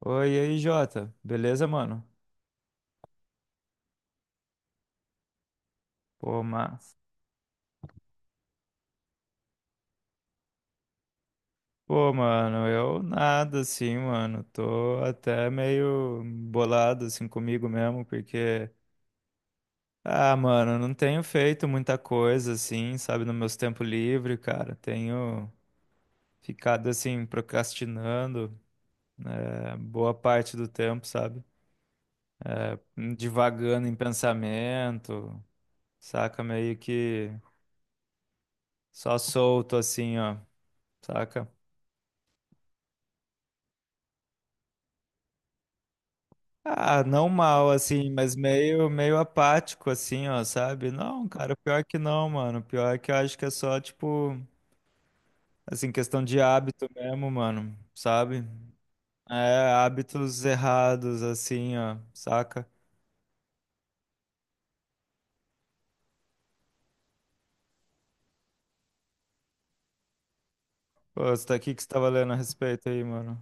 Oi, e aí, Jota. Beleza, mano? Pô, mas... Pô, mano, eu nada assim, mano. Tô até meio bolado assim comigo mesmo, porque ah, mano, eu não tenho feito muita coisa assim, sabe, no meus tempos livres, cara. Tenho ficado assim procrastinando boa parte do tempo, sabe? Divagando em pensamento, saca? Meio que só solto assim, ó, saca? Ah, não mal, assim, mas meio, meio apático, assim, ó, sabe? Não, cara, pior que não, mano. Pior que eu acho que é só, tipo, assim, questão de hábito mesmo, mano, sabe? É, hábitos errados, assim, ó, saca? Pô, você tá aqui que você tava lendo a respeito aí, mano.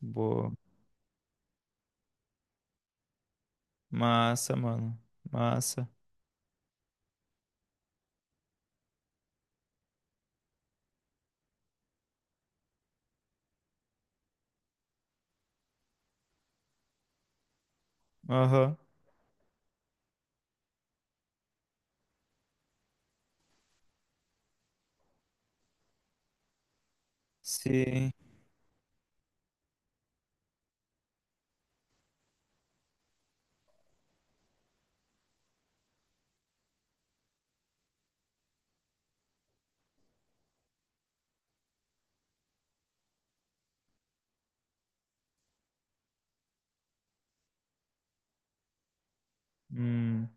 Boa. Massa, mano. Massa. Aham. Sim. Hum.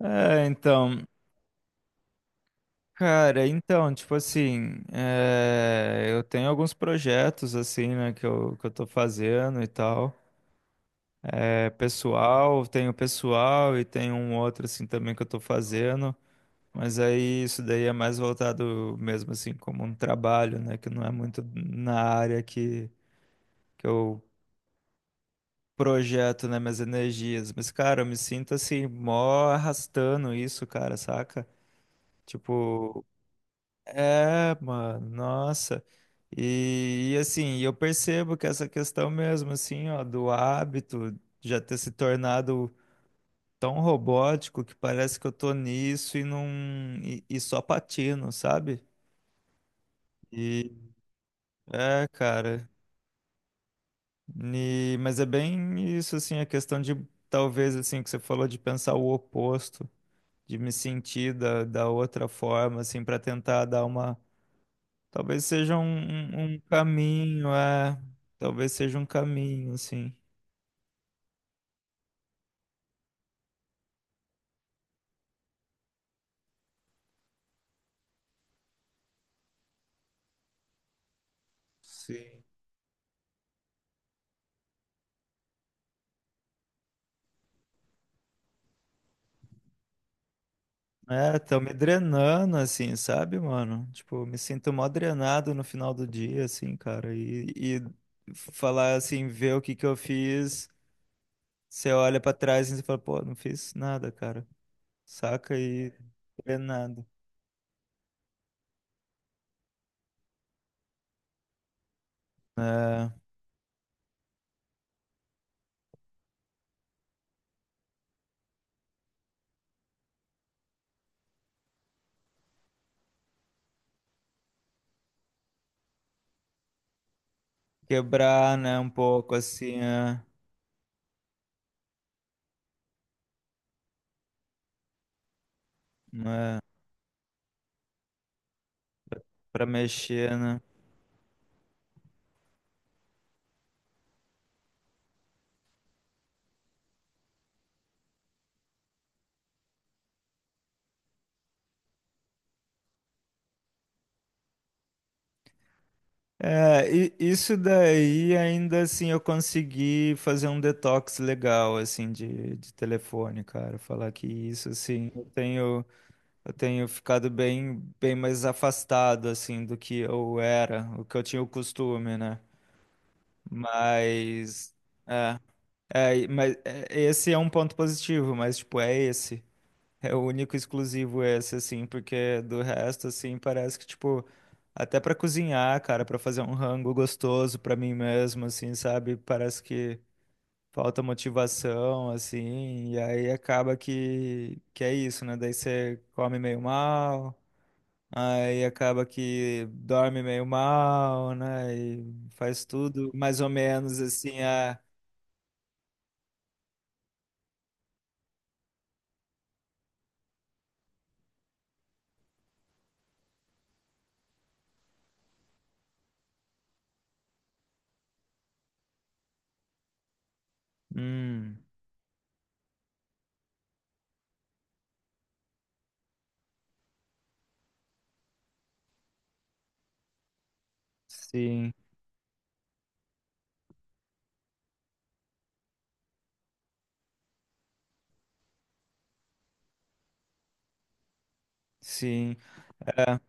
É, então. Cara, então, tipo assim, eu tenho alguns projetos, assim, né, que eu tô fazendo e tal. É pessoal, tenho pessoal e tenho um outro, assim, também que eu tô fazendo. Mas aí isso daí é mais voltado mesmo, assim, como um trabalho, né, que não é muito na área que eu projeto, né, minhas energias. Mas, cara, eu me sinto, assim, mó arrastando isso, cara, saca? Tipo, é, mano, nossa. E, assim, eu percebo que essa questão mesmo, assim, ó, do hábito já ter se tornado tão robótico que parece que eu tô nisso e não e só patino, sabe? E é, cara. E, mas é bem isso, assim, a questão de talvez assim que você falou de pensar o oposto, de me sentir da outra forma, assim, para tentar dar uma. Talvez seja um, um caminho, é. Talvez seja um caminho, assim. Sim. É, tão me drenando, assim, sabe, mano? Tipo, eu me sinto mó drenado no final do dia, assim, cara. E falar assim, ver o que que eu fiz, você olha pra trás e você fala, pô, não fiz nada, cara. Saca e drenado. É, quebrar, né, um pouco, assim, é, né, pra mexer, né? É, e isso daí ainda assim eu consegui fazer um detox legal assim de telefone, cara. Falar que isso assim, eu tenho ficado bem mais afastado assim do que eu era, o que eu tinha o costume, né? Mas é, mas esse é um ponto positivo, mas tipo, é esse. É o único exclusivo esse, assim, porque do resto, assim, parece que, tipo, até pra cozinhar, cara, pra fazer um rango gostoso pra mim mesmo, assim, sabe? Parece que falta motivação, assim, e aí acaba que é isso, né? Daí você come meio mal, aí acaba que dorme meio mal, né? E faz tudo mais ou menos assim, ah, hum, sim, sim, é,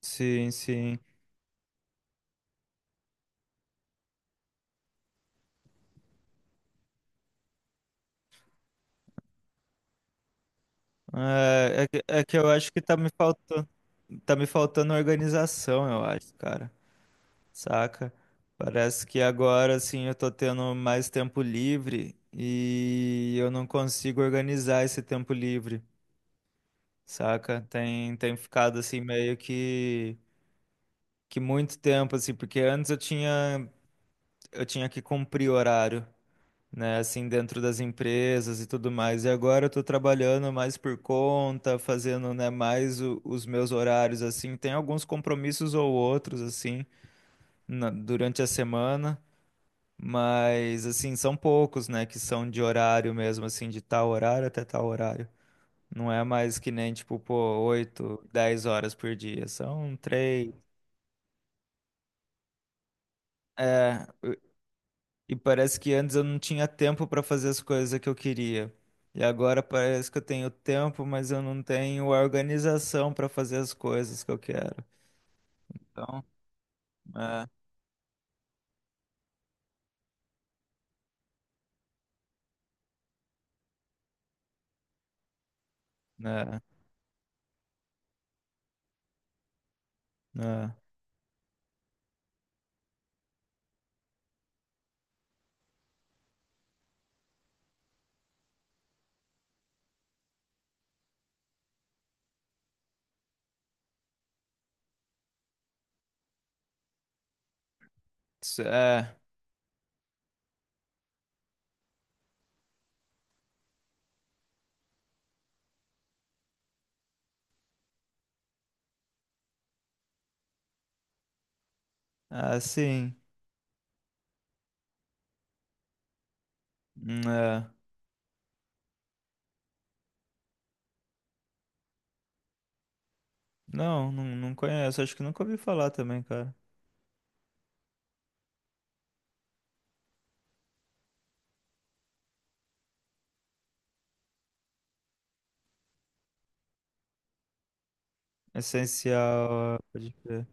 sim, sim. É que é que eu acho que tá me faltando organização, eu acho, cara. Saca? Parece que agora assim eu tô tendo mais tempo livre e eu não consigo organizar esse tempo livre, saca? Tem ficado assim meio que muito tempo assim, porque antes eu tinha que cumprir horário, né, assim, dentro das empresas e tudo mais. E agora eu tô trabalhando mais por conta, fazendo, né, mais os meus horários, assim. Tem alguns compromissos ou outros, assim, durante a semana, mas, assim, são poucos, né, que são de horário mesmo, assim, de tal horário até tal horário. Não é mais que nem, tipo, pô, 8, 10 horas por dia. São três. É. E parece que antes eu não tinha tempo para fazer as coisas que eu queria. E agora parece que eu tenho tempo, mas eu não tenho a organização para fazer as coisas que eu quero. Então, é, é, é, isso é, assim, é. Não, não, não conheço, acho que nunca ouvi falar também, cara. Essencial, é, pode crer.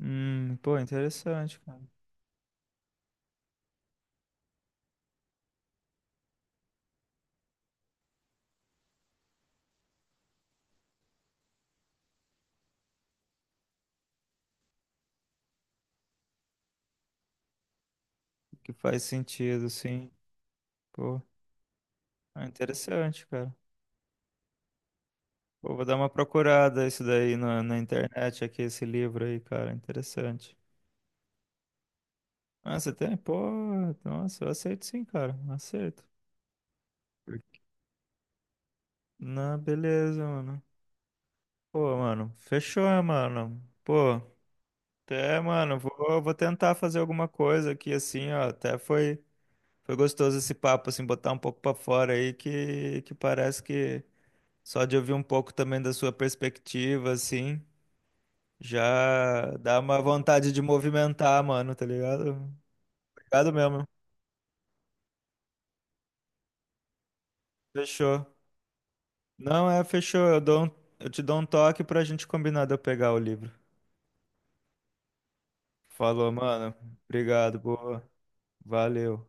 Pô, interessante, cara. Que faz sentido, sim. Pô, é interessante, cara. Pô, vou dar uma procurada isso daí na internet, aqui, esse livro aí, cara. Interessante. Ah, você tem? Pô, nossa, eu aceito sim, cara. Aceito. Não, beleza, mano. Pô, mano, fechou, né, mano. Pô, até, mano, vou tentar fazer alguma coisa aqui, assim, ó. Até foi gostoso esse papo, assim, botar um pouco pra fora aí, que parece que só de ouvir um pouco também da sua perspectiva, assim, já dá uma vontade de movimentar, mano, tá ligado? Obrigado mesmo. Fechou. Não, é, fechou. Eu te dou um toque pra gente combinar de eu pegar o livro. Falou, mano. Obrigado, boa. Valeu.